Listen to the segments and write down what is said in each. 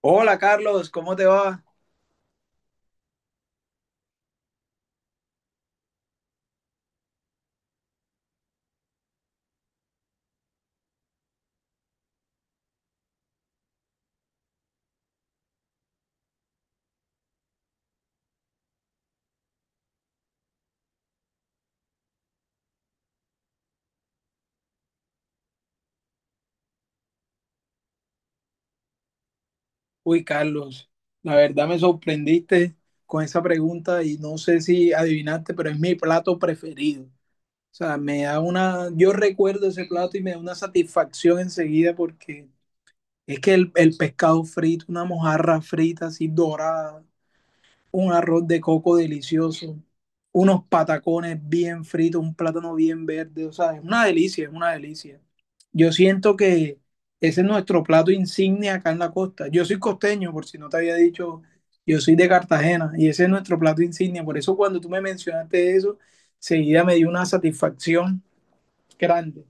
Hola Carlos, ¿cómo te va? Uy Carlos, la verdad me sorprendiste con esa pregunta y no sé si adivinaste, pero es mi plato preferido. O sea, me da una, yo recuerdo ese plato y me da una satisfacción enseguida porque es que el pescado frito, una mojarra frita así dorada, un arroz de coco delicioso, unos patacones bien fritos, un plátano bien verde, o sea, es una delicia, es una delicia. Yo siento que ese es nuestro plato insignia acá en la costa. Yo soy costeño, por si no te había dicho, yo soy de Cartagena y ese es nuestro plato insignia. Por eso cuando tú me mencionaste eso, seguida me dio una satisfacción grande.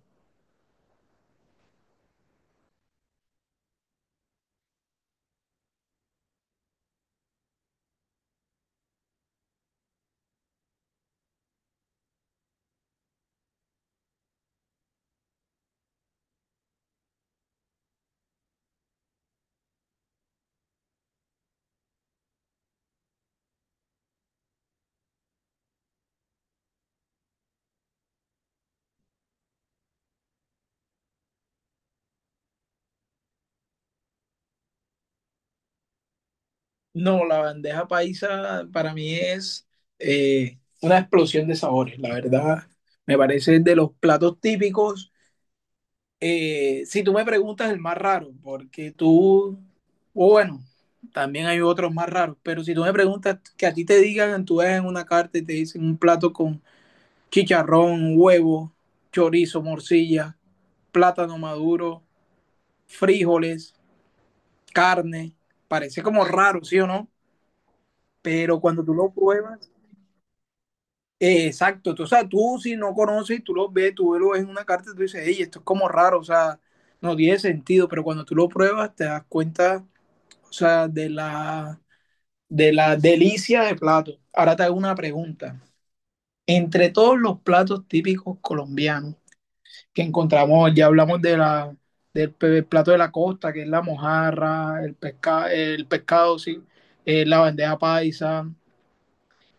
No, la bandeja paisa para mí es una explosión de sabores, la verdad. Me parece de los platos típicos. Si tú me preguntas el más raro, porque tú, o bueno, también hay otros más raros, pero si tú me preguntas que a ti te digan, tú ves en una carta y te dicen un plato con chicharrón, huevo, chorizo, morcilla, plátano maduro, frijoles, carne, parece como raro, ¿sí o no? Pero cuando tú lo pruebas, exacto, tú, o sea, tú si no conoces, tú lo ves en una carta y tú dices, hey, esto es como raro, o sea, no tiene sentido, pero cuando tú lo pruebas te das cuenta, o sea, de la delicia de platos. Ahora te hago una pregunta. Entre todos los platos típicos colombianos que encontramos, ya hablamos de la, plato de la costa, que es la mojarra, el, pesca, el pescado, sí, la bandeja paisa,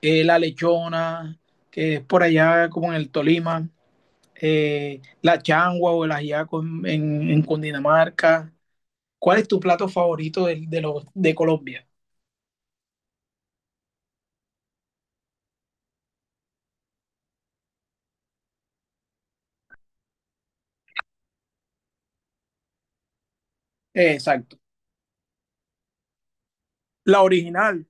la lechona, que es por allá como en el Tolima, la changua o el ajiaco en, en Cundinamarca. ¿Cuál es tu plato favorito de, los, de Colombia? Exacto. La original.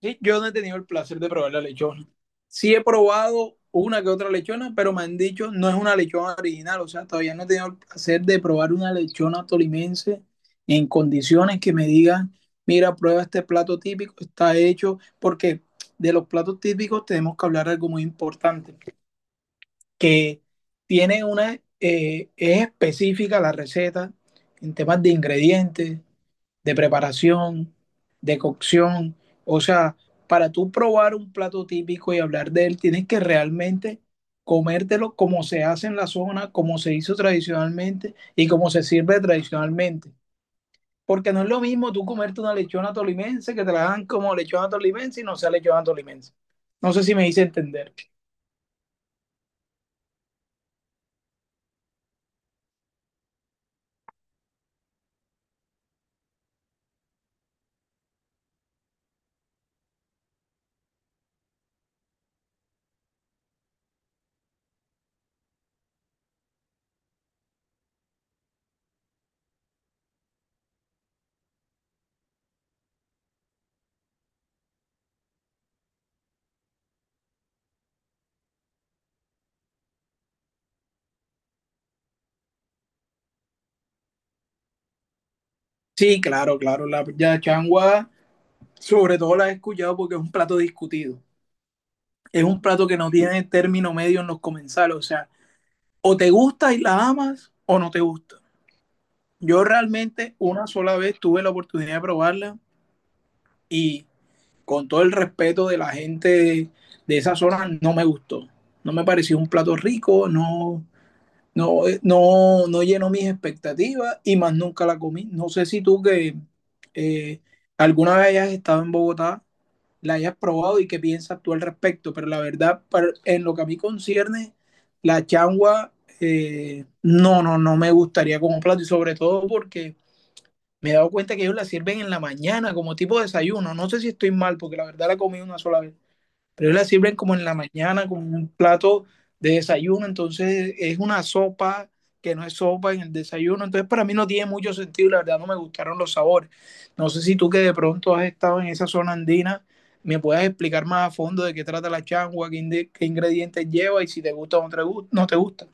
Sí, yo no he tenido el placer de probar la lechona. Sí he probado una que otra lechona, pero me han dicho no es una lechona original, o sea, todavía no he tenido el placer de probar una lechona tolimense en condiciones que me digan, mira, prueba este plato típico, está hecho, porque de los platos típicos tenemos que hablar algo muy importante, que tiene una, es específica la receta en temas de ingredientes, de preparación, de cocción. O sea, para tú probar un plato típico y hablar de él, tienes que realmente comértelo como se hace en la zona, como se hizo tradicionalmente y como se sirve tradicionalmente. Porque no es lo mismo tú comerte una lechona tolimense que te la hagan como lechona tolimense y no sea lechona tolimense. No sé si me hice entender. Sí, claro, claro. La yachangua, sobre todo la he escuchado porque es un plato discutido. Es un plato que no tiene término medio en los comensales. O sea, o te gusta y la amas o no te gusta. Yo realmente una sola vez tuve la oportunidad de probarla y con todo el respeto de la gente de esa zona no me gustó. No me pareció un plato rico, no, no, no, no llenó mis expectativas y más nunca la comí. No sé si tú que eh, alguna vez hayas estado en Bogotá la hayas probado y qué piensas tú al respecto. Pero la verdad, en lo que a mí concierne, la changua, no, no, no me gustaría como plato. Y sobre todo porque me he dado cuenta que ellos la sirven en la mañana como tipo de desayuno. No sé si estoy mal, porque la verdad la comí una sola vez. Pero la sirven como en la mañana, como un plato de desayuno, entonces es una sopa que no es sopa en el desayuno, entonces para mí no tiene mucho sentido, la verdad no me gustaron los sabores. No sé si tú que de pronto has estado en esa zona andina, me puedas explicar más a fondo de qué trata la changua, qué ingredientes lleva y si te gusta o no no te gusta.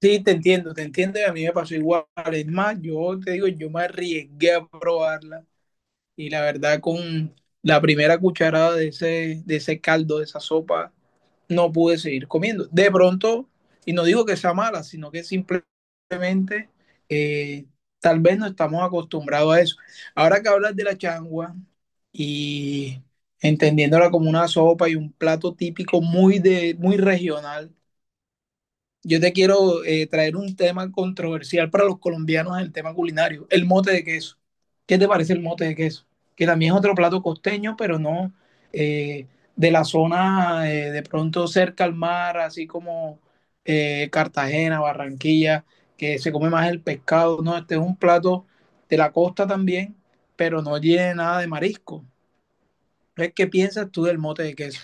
Sí, te entiendo y a mí me pasó igual. Es más, yo te digo, yo me arriesgué a probarla y la verdad con la primera cucharada de ese caldo, de esa sopa, no pude seguir comiendo. De pronto, y no digo que sea mala, sino que simplemente eh, tal vez no estamos acostumbrados a eso. Ahora que hablas de la changua y entendiéndola como una sopa y un plato típico muy, de, muy regional, yo te quiero traer un tema controversial para los colombianos, en el tema culinario, el mote de queso. ¿Qué te parece el mote de queso? Que también es otro plato costeño, pero no eh, de la zona, de pronto cerca al mar, así como Cartagena, Barranquilla, que se come más el pescado, ¿no? Este es un plato de la costa también, pero no tiene nada de marisco. Entonces, ¿qué piensas tú del mote de queso?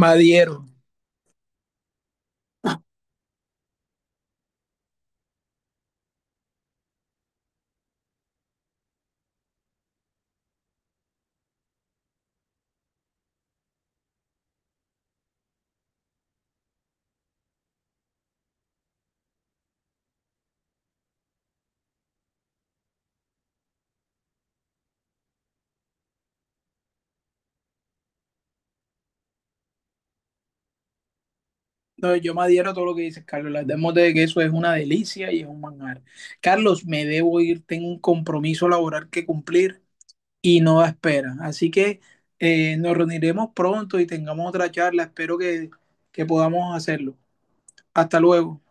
Madiero. No, yo me adhiero a todo lo que dices, Carlos. Las demos de queso es una delicia y es un manjar. Carlos, me debo ir, tengo un compromiso laboral que cumplir y no da espera. Así que nos reuniremos pronto y tengamos otra charla. Espero que podamos hacerlo. Hasta luego.